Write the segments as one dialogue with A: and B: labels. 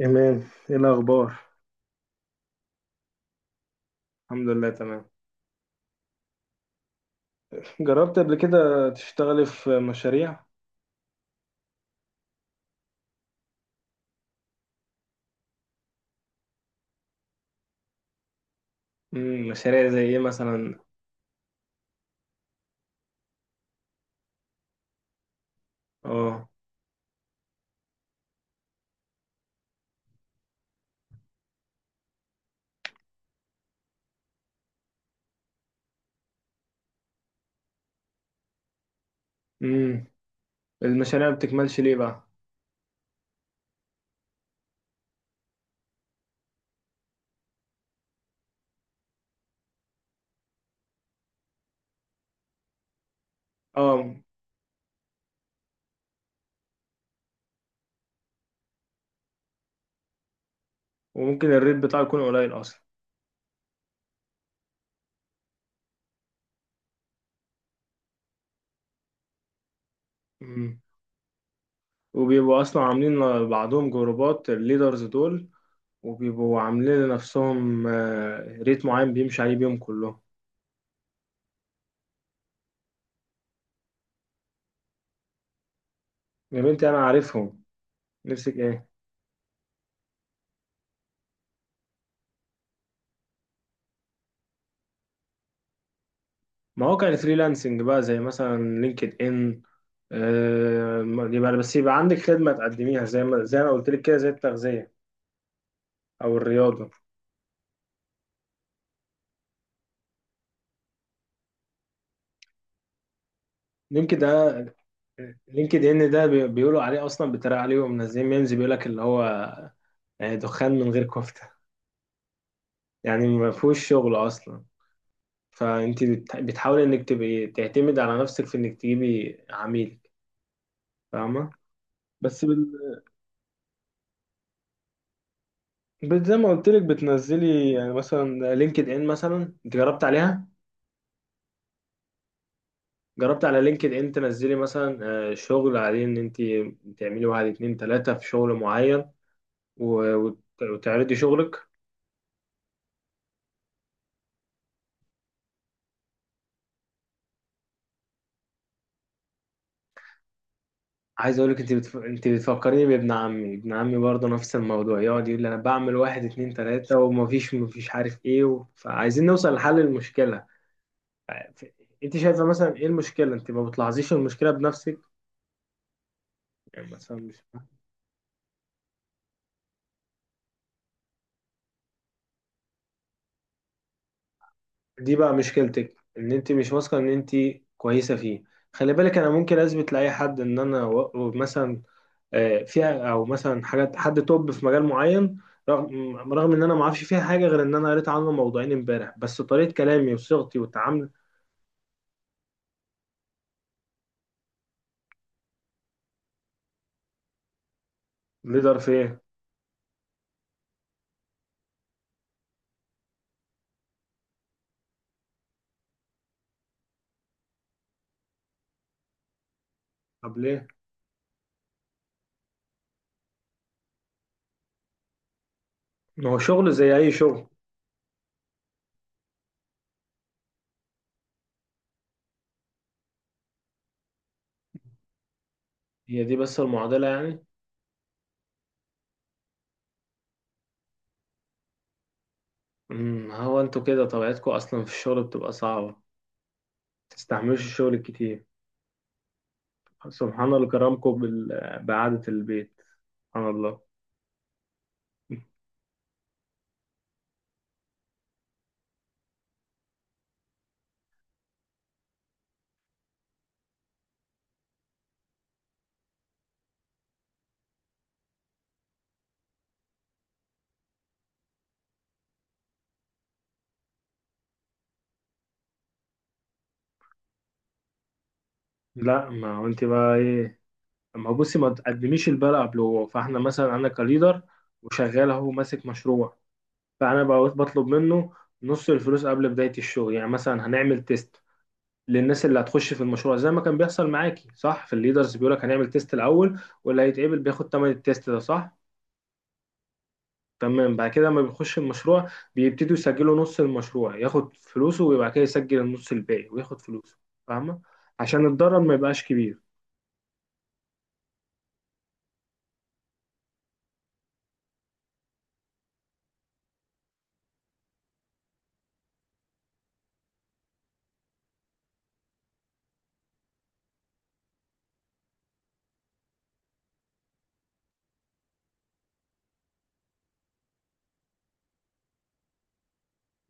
A: إيمان، إيه الأخبار؟ الحمد لله تمام. جربت قبل كده تشتغلي في مشاريع؟ مم. مشاريع زي إيه مثلا؟ آه. مم. المشاريع ما بتكملش ليه بقى؟ آه. وممكن الريت بتاعه يكون قليل أصلا. مم. وبيبقوا أصلا عاملين بعضهم جروبات الليدرز دول، وبيبقوا عاملين لنفسهم ريت معين بيمشي عليه بيهم كلهم. يا بنتي أنا عارفهم. نفسك إيه؟ ما هو كان فريلانسنج بقى زي مثلا لينكد ان. يبقى بس يبقى عندك خدمة تقدميها زي ما قلت لك كده، زي التغذية أو الرياضة. لينكد ده لينكد إن ده بيقولوا عليه أصلا، بيتريق عليه ومنزلين ميمز بيقول لك اللي هو دخان من غير كفتة. يعني ما فيهوش شغل أصلا. فأنت بتحاولي إنك تبقي تعتمد على نفسك في إنك تجيبي عميلك. فاهمة؟ بس زي ما قلت لك بتنزلي يعني مثلا لينكد إن مثلا. أنت جربت عليها؟ جربت على لينكد ان تنزلي مثلا شغل عليه، ان انت تعملي واحد اتنين تلاتة في شغل معين، وتعرضي شغلك. عايز اقول لك انت انت بتفكريني بابن عمي. ابن عمي برضه نفس الموضوع، يقعد يقول لي انا بعمل واحد اتنين تلاتة ومفيش عارف ايه فعايزين نوصل لحل المشكلة. ف- انت شايفة مثلا ايه المشكلة؟ انت ما بتلاحظيش المشكلة بنفسك؟ يعني مثلا مش. دي بقى مشكلتك، ان انت مش واثقة ان انت كويسة فيه. خلي بالك، انا ممكن اثبت لاي حد ان انا مثلا فيها، او مثلا حاجات حد توب في مجال معين. رغم ان انا ما اعرفش فيها حاجه، غير ان انا قريت عنه موضوعين امبارح، بس طريقه كلامي وصيغتي والتعامل. ليدر في ايه؟ طب ليه؟ ما هو شغل زي اي شغل. هي دي بس المعضله يعني. هو انتوا كده طبيعتكم اصلا في الشغل بتبقى صعبه، تستحملوش الشغل الكتير. سبحان الله كرمكم بقعده البيت. سبحان الله. لا، ما هو انت بقى ايه؟ ما هو بصي، ما تقدميش البلاء قبل. هو فاحنا مثلا انا كليدر وشغال اهو ماسك مشروع. فانا بقى بطلب منه نص الفلوس قبل بداية الشغل. يعني مثلا هنعمل تيست للناس اللي هتخش في المشروع، زي ما كان بيحصل معاكي، صح؟ في الليدرز بيقولك هنعمل تيست الاول، واللي هيتقبل بياخد تمن التيست ده، صح؟ تمام. بعد كده لما بيخش المشروع، بيبتدوا يسجلوا نص المشروع، ياخد فلوسه، وبعد كده يسجل النص الباقي وياخد فلوسه. فاهمة؟ عشان الضرر ما يبقاش كبير.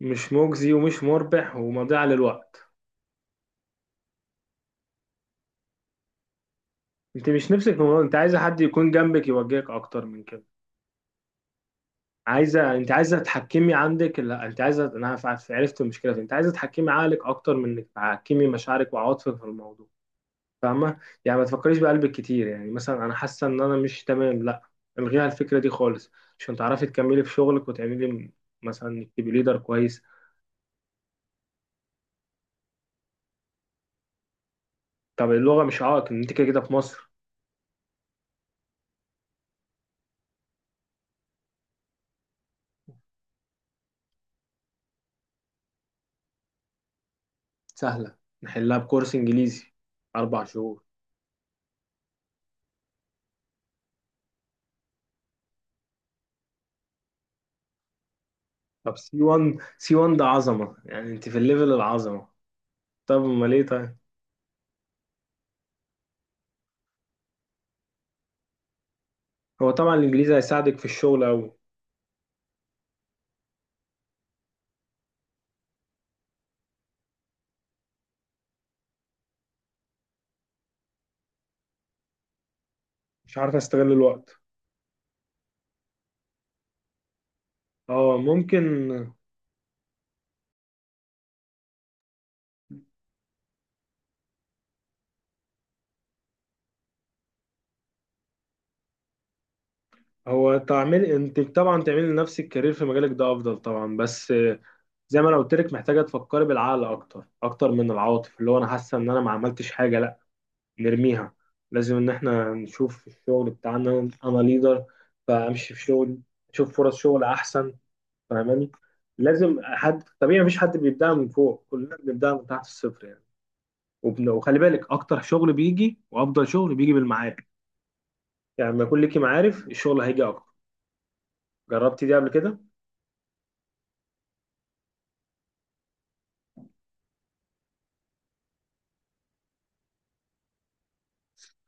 A: مش مجزي ومش مربح ومضيعة للوقت. انت مش نفسك في الموضوع. انت عايزة حد يكون جنبك يوجهك اكتر من كده. عايزه. انت عايزه تحكمي عندك. لا، انت عايزه. انا عرفت المشكله فين. انت عايزه تحكمي عقلك اكتر من انك تحكمي مشاعرك وعواطفك في الموضوع. فاهمه؟ يعني ما تفكريش بقلبك كتير، يعني مثلا انا حاسه ان انا مش تمام، لا. الغيها الفكره دي خالص، عشان تعرفي تكملي في شغلك وتعملي مثلا انك تبقي ليدر كويس. طب اللغه مش عائق، ان انت كده كده في مصر. سهله، نحلها بكورس انجليزي اربع شهور. طب سي 1، سي 1 ده عظمه. يعني انت في الليفل العظمه. طب امال ايه، طيب؟ هو طبعا الانجليزي هيساعدك في الشغل أوي. مش عارف استغل الوقت. اه، ممكن. هو تعمل، انت طبعا تعملي لنفسك كارير في مجالك، ده افضل طبعا. بس زي ما انا قلت لك، محتاجه تفكري بالعقل اكتر، اكتر من العاطف اللي هو انا حاسه ان انا ما عملتش حاجه، لا. نرميها. لازم ان احنا نشوف في الشغل بتاعنا. انا ليدر، فامشي في شغل، اشوف فرص شغل احسن. فاهماني؟ لازم. حد طبيعي، مفيش حد بيبدأ من فوق، كلنا بنبدأ من تحت الصفر يعني. وخلي بالك، اكتر شغل بيجي وافضل شغل بيجي بالمعارف. يعني لما يكون ليكي معارف، الشغل هيجي اكتر. جربتي دي قبل كده؟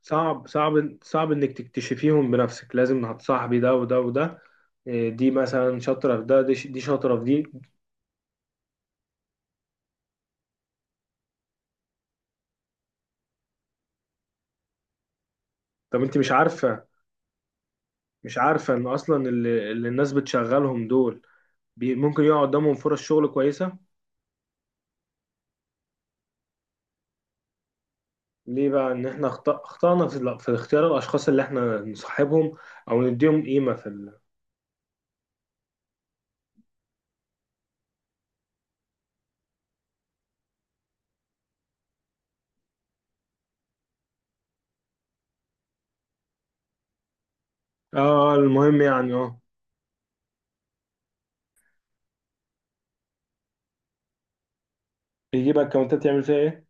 A: صعب انك تكتشفيهم بنفسك. لازم هتصاحبي ده وده وده. إيه، دي مثلا شاطره في ده، دي شاطره في دي. طب انت مش عارفه؟ مش عارفه ان اصلا اللي الناس بتشغلهم دول، ممكن يقع قدامهم فرص شغل كويسه. ليه بقى؟ ان احنا اخطأنا في اختيار الاشخاص اللي احنا نصاحبهم، او نديهم قيمه في اه، المهم يعني. اه، يجيب اكونتات يعمل فيها ايه؟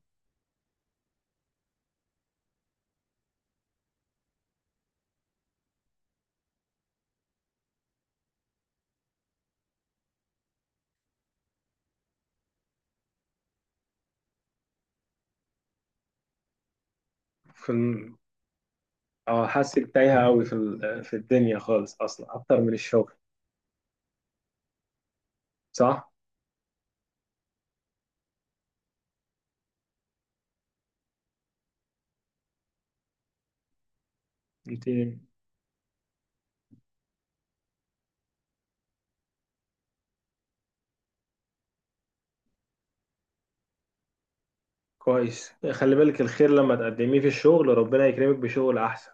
A: في. اه، حاسك تايهة أوي في في الدنيا خالص، أصلا أكتر من الشغل. صح؟ أنت. كويس، خلي بالك، الخير لما تقدميه في الشغل ربنا يكرمك بشغل أحسن.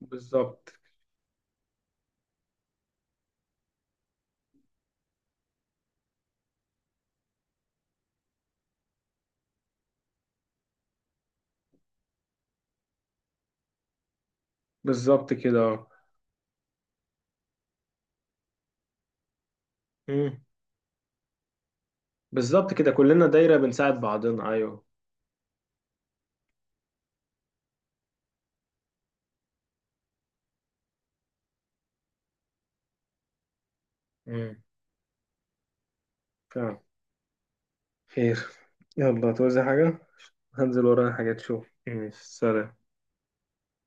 A: بالظبط. بالظبط كده، اه. مم. بالظبط كده، كلنا دايرة بنساعد بعضنا، أيوه. مم. فعلا. خير. يلا توزع حاجة. هنزل ورايا حاجات، شوف. ماشي، سلام.